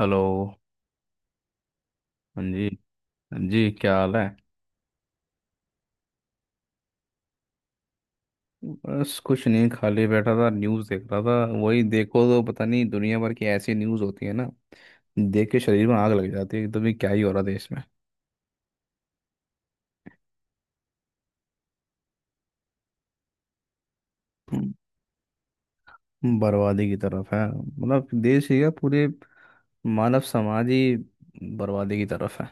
Hello. हाँ जी। हाँ जी, क्या हाल है? बस कुछ नहीं, खाली बैठा था, न्यूज़ देख रहा था। वही देखो, तो पता नहीं दुनिया भर की ऐसी न्यूज़ होती है ना, देख के शरीर में आग लग जाती है कि तो भी क्या ही हो रहा देश में। हम्म, बर्बादी की तरफ है, मतलब देश ही है, पूरे मानव समाज ही बर्बादी की तरफ है।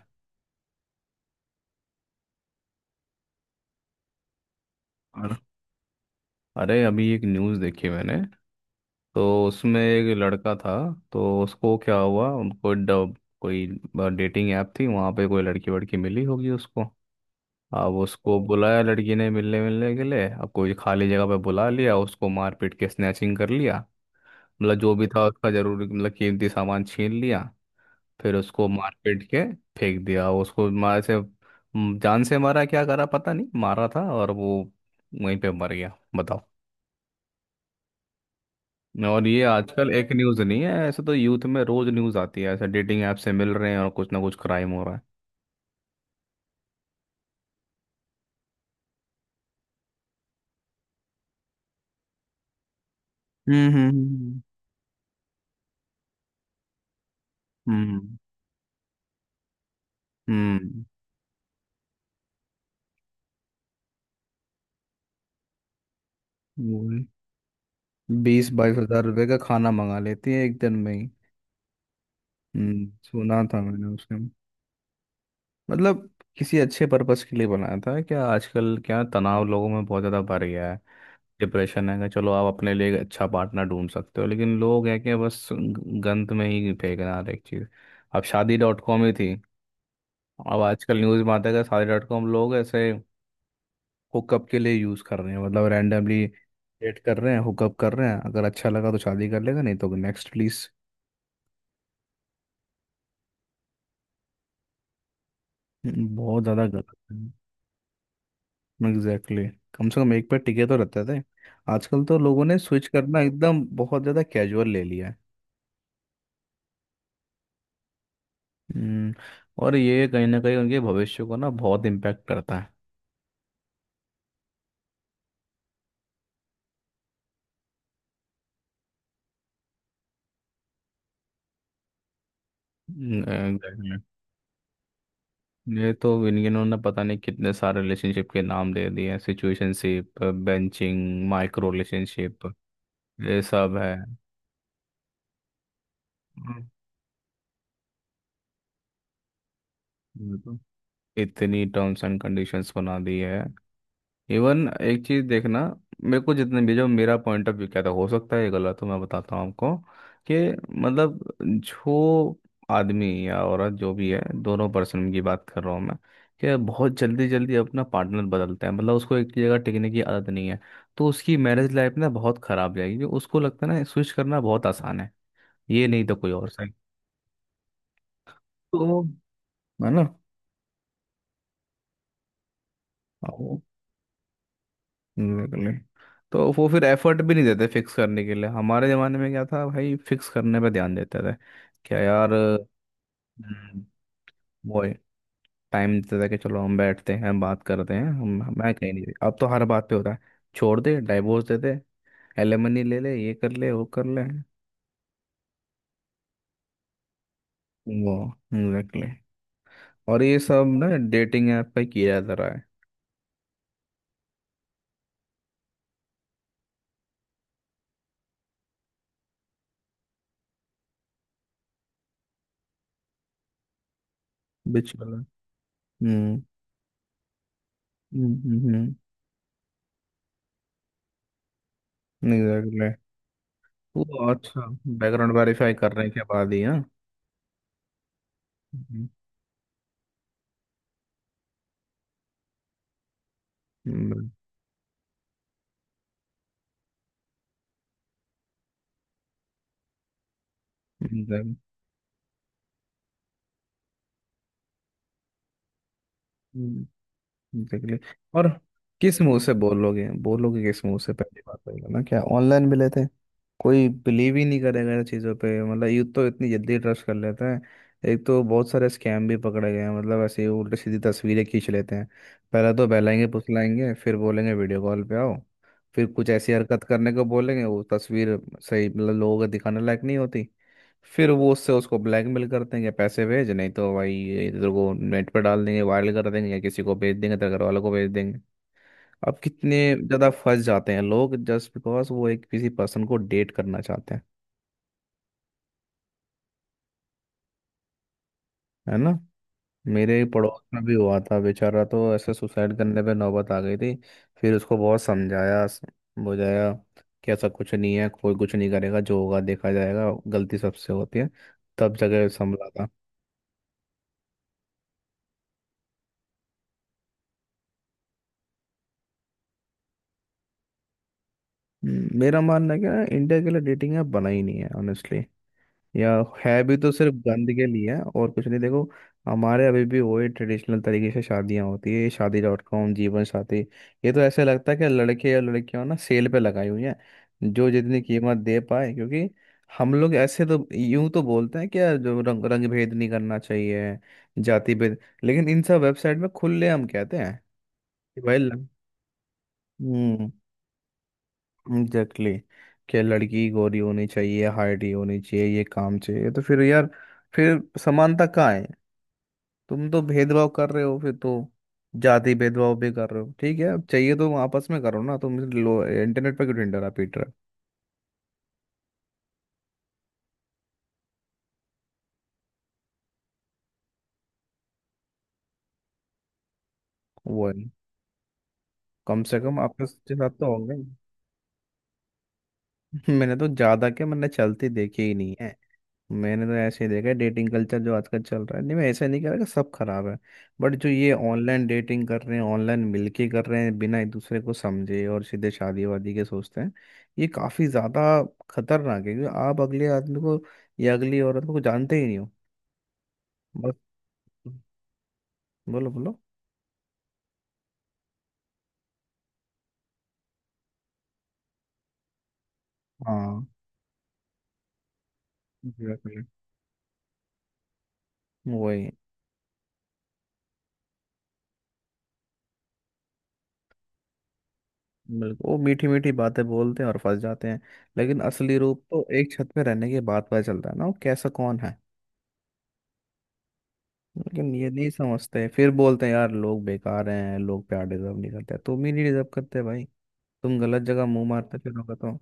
और अरे, अभी एक न्यूज़ देखी मैंने, तो उसमें एक लड़का था। तो उसको क्या हुआ, उनको डब कोई डेटिंग ऐप थी, वहाँ पे कोई लड़की वड़की मिली होगी उसको। अब उसको बुलाया लड़की ने मिलने, मिलने के लिए अब कोई खाली जगह पे बुला लिया उसको, मारपीट के स्नैचिंग कर लिया। मतलब जो भी था उसका, जरूर मतलब कीमती सामान छीन लिया, फिर उसको मारपीट के फेंक दिया उसको। मार से जान से मारा, क्या करा पता नहीं, मारा था और वो वहीं पे मर गया, बताओ। और ये आजकल एक न्यूज़ नहीं है ऐसे, तो यूथ में रोज न्यूज़ आती है ऐसे, डेटिंग ऐप से मिल रहे हैं और कुछ ना कुछ क्राइम हो रहा है। हम्म। हम्म, हम्म। हम्म हम्म। 20-22 हजार रुपये का खाना मंगा लेती है एक दिन में ही। हम्म, सुना था मैंने उसके। मतलब किसी अच्छे पर्पस के लिए बनाया था क्या? आजकल क्या तनाव लोगों में बहुत ज़्यादा बढ़ गया है, डिप्रेशन है कि चलो आप अपने लिए एक अच्छा पार्टनर ढूंढ सकते हो, लेकिन लोग हैं कि बस गंद में ही फेंक रहे हैं हर एक चीज़। अब शादी डॉट कॉम ही थी, अब आजकल न्यूज़ में आता है कि शादी डॉट कॉम लोग ऐसे हुकअप के लिए यूज़ कर रहे हैं, मतलब रैंडमली डेट कर रहे हैं, हुकअप कर रहे हैं, अगर अच्छा लगा तो शादी कर लेगा, नहीं तो नेक्स्ट प्लीज़। बहुत ज्यादा गलत है। Exactly, exactly. कम से कम एक पे टिके तो रहते थे, आजकल तो लोगों ने स्विच करना एकदम बहुत ज्यादा कैजुअल ले लिया है। हम्म, और ये कहीं ना कहीं उनके भविष्य को ना बहुत इम्पैक्ट करता है। एग्जैक्टली। ये तो इन्होंने पता नहीं कितने सारे रिलेशनशिप के नाम दे दिए हैं, सिचुएशनशिप, बेंचिंग, माइक्रो रिलेशनशिप, ये सब है। हम्म, ये तो इतनी टर्म्स एंड कंडीशंस बना दी है। इवन एक चीज देखना, मेरे को जितने भी, जो मेरा पॉइंट ऑफ व्यू कहता है, हो सकता है ये गलत हो, मैं बताता हूँ आपको कि मतलब जो आदमी या औरत जो भी है, दोनों पर्सन की बात कर रहा हूँ मैं, कि बहुत जल्दी जल्दी अपना पार्टनर बदलता है, मतलब उसको एक जगह टिकने की आदत नहीं है, तो उसकी मैरिज लाइफ ना बहुत खराब जाएगी, क्योंकि उसको लगता है ना स्विच करना बहुत आसान है, ये नहीं तो कोई और सही। तो है ना। बिल्कुल। तो वो फिर एफर्ट भी नहीं देते फिक्स करने के लिए। हमारे ज़माने में क्या था भाई, फिक्स करने पे ध्यान देते थे, क्या यार। हम्म, वो टाइम देते थे कि चलो हम बैठते हैं, हम बात करते हैं, हम मैं कहीं नहीं। अब तो हर बात पे होता है छोड़ दे, डाइवोर्स दे दे, एलिमनी ले ले, ये कर ले, वो कर ले। वो एग्जैक्टली, और ये सब ना डेटिंग ऐप पे किया जा रहा है। बिच वाला। हम्म। हम्म। एग्जैक्टली। वो अच्छा बैकग्राउंड वेरीफाई करने के बाद ही। हाँ। एग्जैक्टली, और किस मुंह से बोलोगे, बोलोगे किस मुंह से? पहली बात रहेगा ना, क्या ऑनलाइन मिले थे? कोई बिलीव ही नहीं करेगा इन चीज़ों पे। मतलब यूथ तो इतनी जल्दी ट्रस्ट कर लेते हैं, एक तो बहुत सारे स्कैम भी पकड़े गए हैं, मतलब ऐसे ही उल्टी सीधी तस्वीरें खींच लेते हैं। पहले तो बहलाएंगे फुसलाएंगे, फिर बोलेंगे वीडियो कॉल पे आओ, फिर कुछ ऐसी हरकत करने को बोलेंगे, वो तस्वीर सही मतलब लोगों को दिखाने लायक नहीं होती। फिर वो उससे उसको ब्लैकमेल करते हैं कि पैसे भेज, नहीं तो भाई ये तेरे को नेट पर डाल देंगे, वायरल कर देंगे, या किसी को भेज देंगे, तेरे घर वालों को भेज देंगे। अब कितने ज़्यादा फंस जाते हैं लोग जस्ट बिकॉज वो एक किसी पर्सन को डेट करना चाहते हैं। है ना। मेरे पड़ोस में भी हुआ था, बेचारा तो ऐसे सुसाइड करने पे नौबत आ गई थी। फिर उसको बहुत समझाया बुझाया कि ऐसा कुछ नहीं है, कोई कुछ नहीं करेगा, जो होगा देखा जाएगा, गलती सबसे होती है। तब जगह संभला था। मेरा मानना है कि ना इंडिया के लिए डेटिंग ऐप बना ही नहीं है ऑनेस्टली, या है भी तो सिर्फ गंद के लिए है और कुछ नहीं। देखो, हमारे अभी भी वही ट्रेडिशनल तरीके से शादियां होती है। शादी डॉट कॉम, जीवन साथी, ये तो ऐसे लगता है कि लड़के और लड़कियां ना सेल पे लगाई हुई हैं, जो जितनी कीमत दे पाए। क्योंकि हम लोग ऐसे तो यूं तो बोलते हैं कि यार जो रंग रंग भेद नहीं करना चाहिए, जाति भेद, लेकिन इन सब वेबसाइट में खुले हम कहते हैं कि भाई हम्म। एग्जैक्टली, क्या लड़की गोरी होनी चाहिए, हाइट ही होनी चाहिए, ये काम चाहिए, तो फिर यार फिर समानता कहाँ है? तुम तो भेदभाव कर रहे हो फिर तो, जाति भेदभाव भी कर रहे हो। ठीक है, अब चाहिए तो आपस में करो ना, तुम लो, इंटरनेट पर क्यों ढिंढोरा पीट रहे हो? वो है, कम से कम आपस के साथ तो होंगे। मैंने तो ज्यादा क्या, मैंने चलती देखी ही नहीं है। मैंने तो ऐसे ही देखा है डेटिंग कल्चर जो आजकल चल रहा है। नहीं, मैं ऐसा नहीं कह रहा कि सब खराब है, बट जो ये ऑनलाइन डेटिंग कर रहे हैं, ऑनलाइन मिलके कर रहे हैं, बिना एक दूसरे को समझे और सीधे शादी वादी के सोचते हैं, ये काफी ज्यादा खतरनाक है, क्योंकि आप अगले आदमी को या अगली औरत को जानते ही नहीं हो। बस। बोलो बोलो। हाँ, exactly. वही, बिल्कुल। वो मीठी मीठी बातें बोलते हैं और फंस जाते हैं, लेकिन असली रूप तो एक छत में रहने के बाद पता चलता है ना, वो कैसा कौन है। लेकिन ये नहीं समझते, फिर बोलते हैं यार लोग बेकार हैं, लोग प्यार डिजर्व नहीं करते। तुम ही नहीं डिजर्व करते भाई, तुम गलत जगह मुंह मारते फिरोगे तो।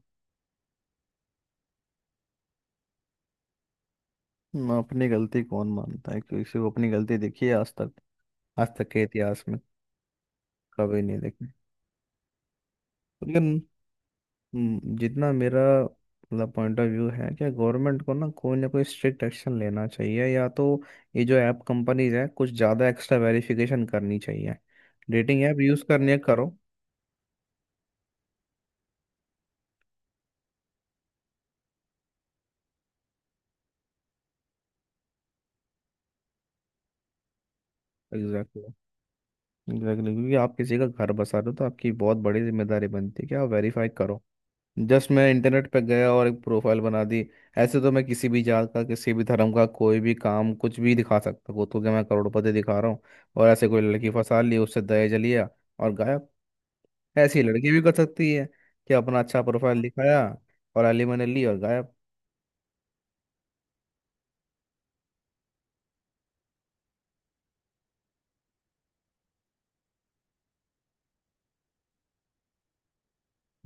ना अपनी गलती कौन मानता है, किसी को अपनी गलती देखी है आज तक? आज तक के इतिहास में कभी नहीं देखी। लेकिन जितना मेरा मतलब पॉइंट ऑफ व्यू है कि गवर्नमेंट को ना कोई स्ट्रिक्ट एक्शन लेना चाहिए, या तो ये जो ऐप कंपनीज है कुछ ज़्यादा एक्स्ट्रा वेरिफिकेशन करनी चाहिए, डेटिंग ऐप यूज़ करनी है करो। एग्जैक्ट, एग्जैक्टली, क्योंकि आप किसी का घर बसा रहे हो, तो आपकी बहुत बड़ी जिम्मेदारी बनती है कि आप वेरीफाई करो। जस्ट मैं इंटरनेट पे गया और एक प्रोफाइल बना दी, ऐसे तो मैं किसी भी जात का, किसी भी धर्म का, कोई भी काम, कुछ भी दिखा सकता हूँ। तो क्या मैं करोड़पति दिखा रहा हूँ, और ऐसे कोई लड़की फंसा ली, उससे दहेज लिया और गायब। ऐसी लड़की भी कर सकती है कि अपना अच्छा प्रोफाइल हाँ दिखाया और एलिमनी ली और गायब।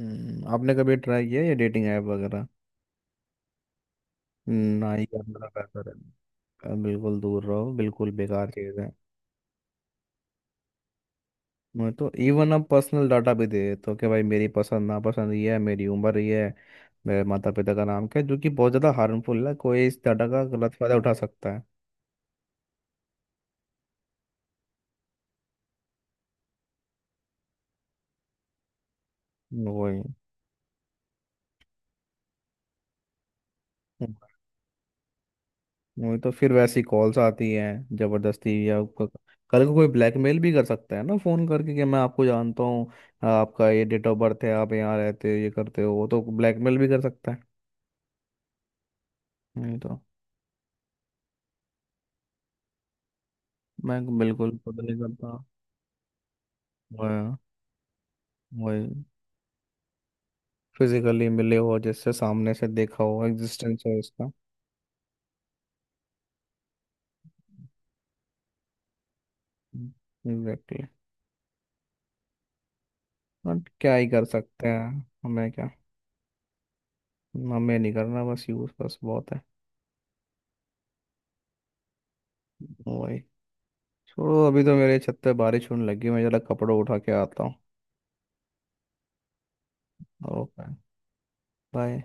आपने कभी ट्राई किया ये डेटिंग ऐप वगैरह? हम्म, ना ही करना बेहतर है, बिल्कुल दूर रहो, बिल्कुल बेकार चीज़ है। मैं तो इवन, अब पर्सनल डाटा भी दे देते हो कि भाई मेरी पसंद नापसंद ये है, मेरी उम्र ये है, मेरे माता पिता का नाम क्या है, जो कि बहुत ज़्यादा हार्मफुल है, कोई इस डाटा का गलत फायदा उठा सकता है। वही। हम्म, वही तो, फिर वैसी कॉल्स आती हैं जबरदस्ती, या आपका कल को कोई ब्लैकमेल भी कर सकता है ना, फ़ोन करके कि मैं आपको जानता हूँ, आपका ये डेट ऑफ बर्थ है, आप यहाँ रहते हो, ये करते हो, वो तो ब्लैकमेल भी कर सकता है, नहीं तो। मैं बिल्कुल पता नहीं करता। वही, वही, फिजिकली मिले हो, जैसे सामने से देखा हो, एग्जिस्टेंस हो इसका। एग्जैक्टली। बट क्या ही कर सकते हैं, हमें क्या, हमें नहीं करना, बस यूज बस बहुत है। वही। छोड़ो, अभी तो मेरे छत पे बारिश होने लगी, मैं जरा कपड़े उठा के आता हूँ। Okay, bye.